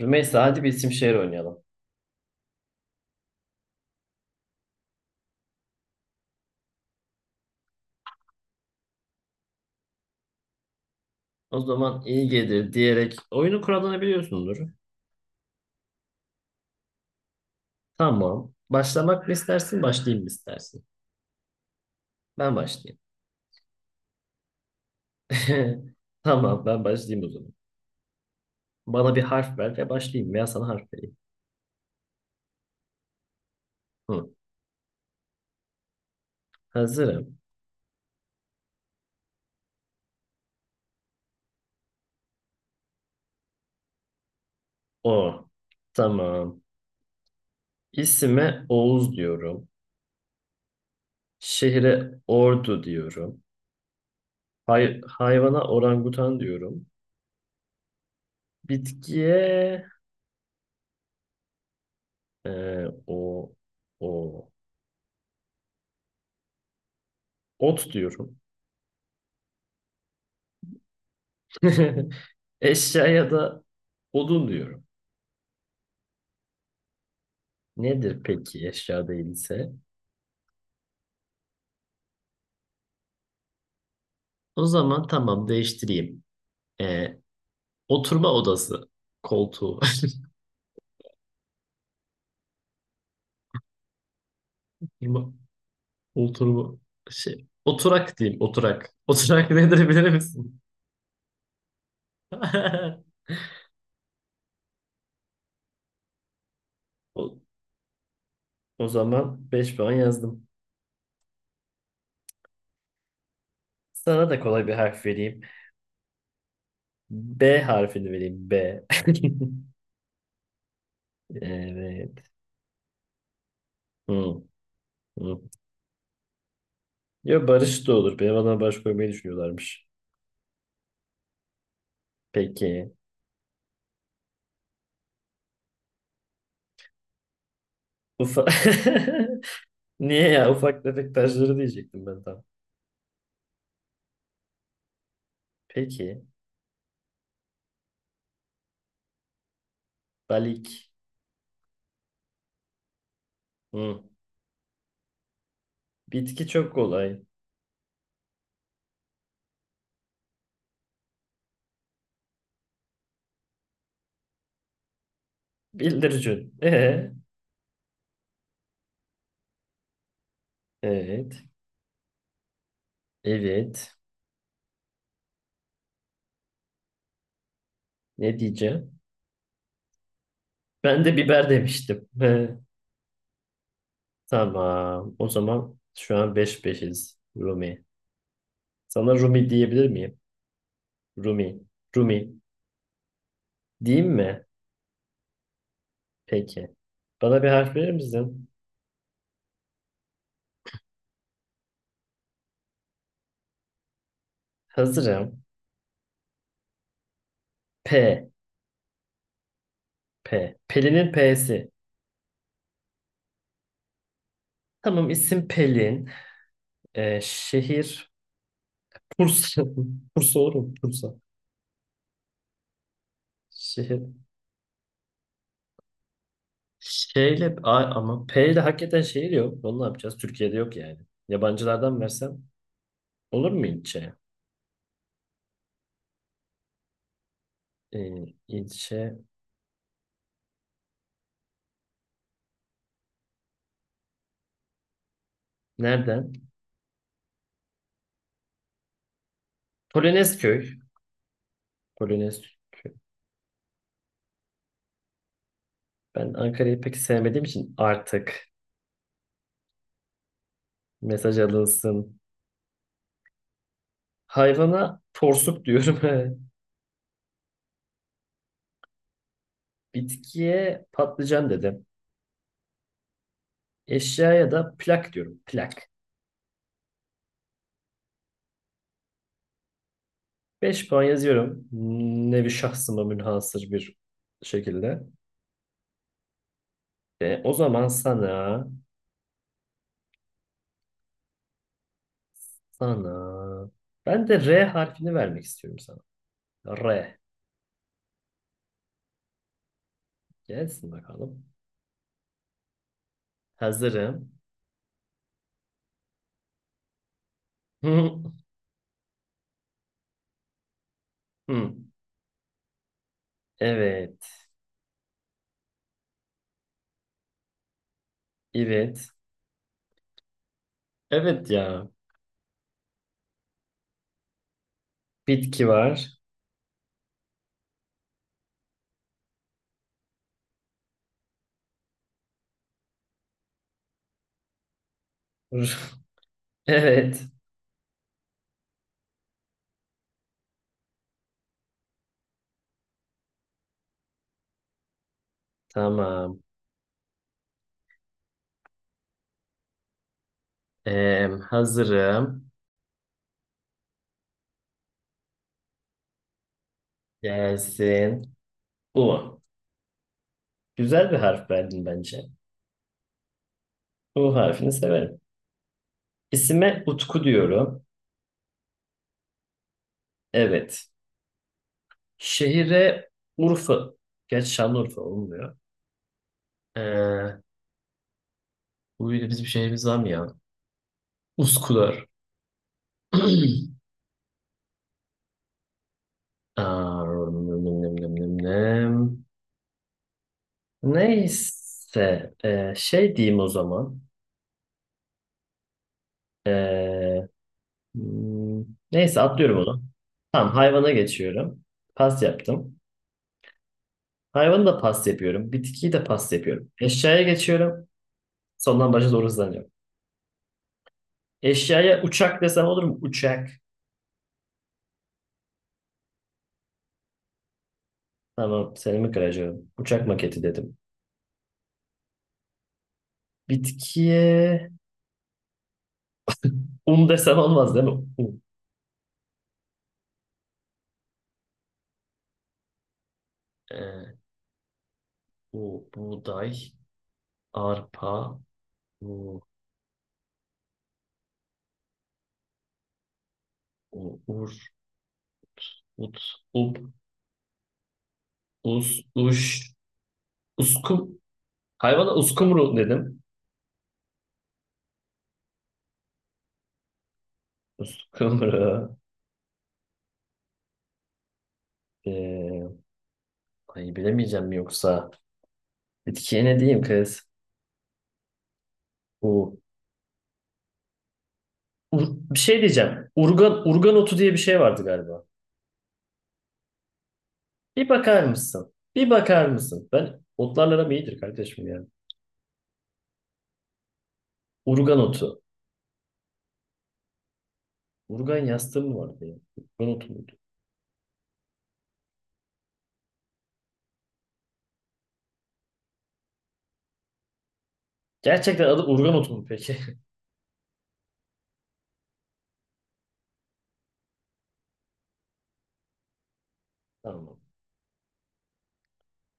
Rümeysa hadi bir isim şehir oynayalım. O zaman iyi gelir diyerek oyunu kurallarını biliyorsundur. Tamam. Başlamak mı istersin, başlayayım mı istersin? Ben başlayayım. Tamam, ben başlayayım o zaman. Bana bir harf ver ve başlayayım veya sana harf vereyim. Hı. Hazırım. O. Tamam. İsime Oğuz diyorum. Şehre Ordu diyorum. Hayvana orangutan diyorum. Bitkiye e, o o ot diyorum. Eşyaya da odun diyorum. Nedir peki eşya değilse? O zaman tamam değiştireyim. Ee, oturma odası koltuğu. Oturma, oturma şey. Oturak diyeyim oturak. Oturak nedir bilir misin? O, o zaman beş puan yazdım. Sana da kolay bir harf vereyim. B harfini vereyim. B. Evet. Hı hı. Ya Barış da olur. Benim adına Barış koymayı düşünüyorlarmış. Peki. Ufak... Niye ya? Ufak tefek taşları diyecektim ben tam. Peki. Balik. Hı. Bitki çok kolay. Bildircün. Evet. Evet. Ne diyeceğim? Ben de biber demiştim. He. Tamam. O zaman şu an beş beşiz. Rumi. Sana Rumi diyebilir miyim? Rumi. Rumi. Diyeyim mi? Peki. Bana bir harf verir misin? Hazırım. P. P. Pelin'in P'si. Tamam isim Pelin. Şehir Bursa. Bursa olur mu? Bursa. Şehir. Ama P ile hakikaten şehir yok. Onu ne yapacağız? Türkiye'de yok yani. Yabancılardan versem olur mu ilçe? İlçe nereden? Polonezköy. Polonezköy. Ben Ankara'yı pek sevmediğim için artık mesaj alınsın. Hayvana porsuk diyorum. Bitkiye patlıcan dedim. Eşyaya da plak diyorum. Plak. 5 puan yazıyorum. Nevi şahsıma münhasır bir şekilde. Ve o zaman sana, ben de R harfini vermek istiyorum sana. R. Gelsin bakalım. Hazırım. Hı hı. Evet. Evet. Evet ya. Bitki var. Evet. Tamam. Hazırım. Gelsin. U. Güzel bir harf verdin bence. U harfini severim. İsime Utku diyorum. Evet. Şehire Urfa. Gerçi Şanlıurfa olmuyor. Ee, bu bir bizim şehrimiz var mı ya? Üsküdar. Aa, nım nım nım nım nım. Neyse. Diyeyim o zaman. Ee, hmm, neyse atlıyorum onu. Tamam hayvana geçiyorum. Pas yaptım. Hayvanı da pas yapıyorum. Bitkiyi de pas yapıyorum. Eşyaya geçiyorum. Sondan başa doğru hızlanıyorum. Eşyaya uçak desem olur mu? Uçak. Tamam, seramik aracı. Uçak maketi dedim. Bitkiye un desem olmaz değil mi? Un. Ee, buğday, arpa, u, u, ur, ut, up, us, uş, uskum. Hayvana uskumru dedim. Uskumru. Ee, ay bilemeyeceğim mi yoksa? Bitkiye ne diyeyim kız? U, bir şey diyeceğim. Urgan, urgan otu diye bir şey vardı galiba. Bir bakar mısın? Bir bakar mısın? Ben otlarla aram iyidir kardeşim ya. Urgan otu. Urgan yastığı mı vardı ya? Urgan otu muydu? Gerçekten adı Urgan otu mu peki? Tamam.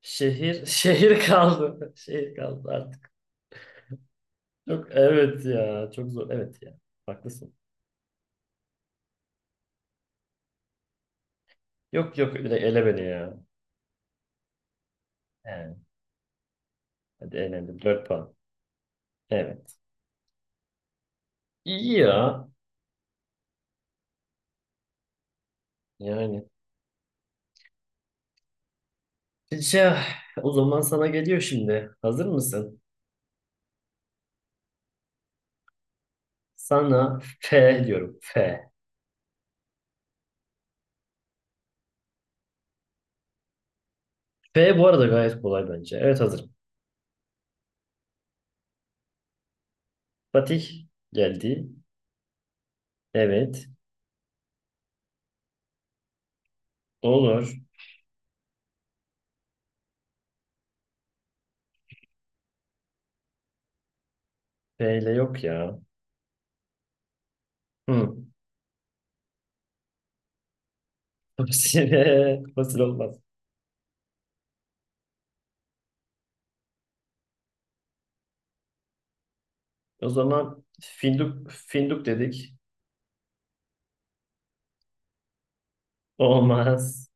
Şehir kaldı. Şehir kaldı artık. Çok evet ya. Çok zor. Evet ya. Haklısın. Yok direkt ele beni ya. He, hadi elendim. 4 puan. Evet. İyi ya. Yani. Şey, o zaman sana geliyor şimdi. Hazır mısın? Sana F diyorum. F. F bu arada gayet kolay bence. Evet hazırım. Fatih geldi. Evet. Olur. B ile yok ya. Hı. Fasil, fasil olmaz. O zaman finduk dedik. Olmaz.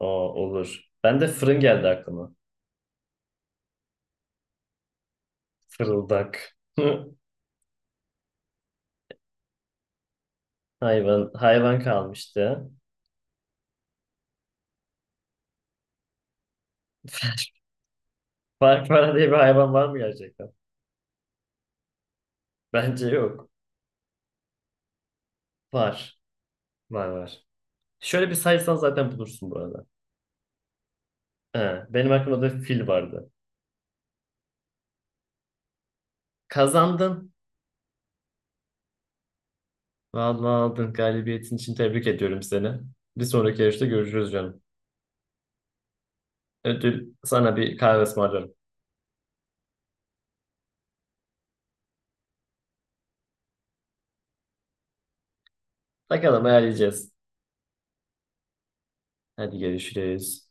O olur. Ben de fırın geldi aklıma. Fırıldak. Hı. Hayvan kalmıştı. Farfara diye bir hayvan var mı gerçekten? Bence yok. Var. Var. Şöyle bir saysan zaten bulursun bu arada. He, benim aklımda da fil vardı. Kazandın. Vallahi aldın. Galibiyetin için tebrik ediyorum seni. Bir sonraki yarışta görüşürüz canım. Ödül sana bir kahve ısmarlarım. Bakalım ayarlayacağız. Hadi görüşürüz.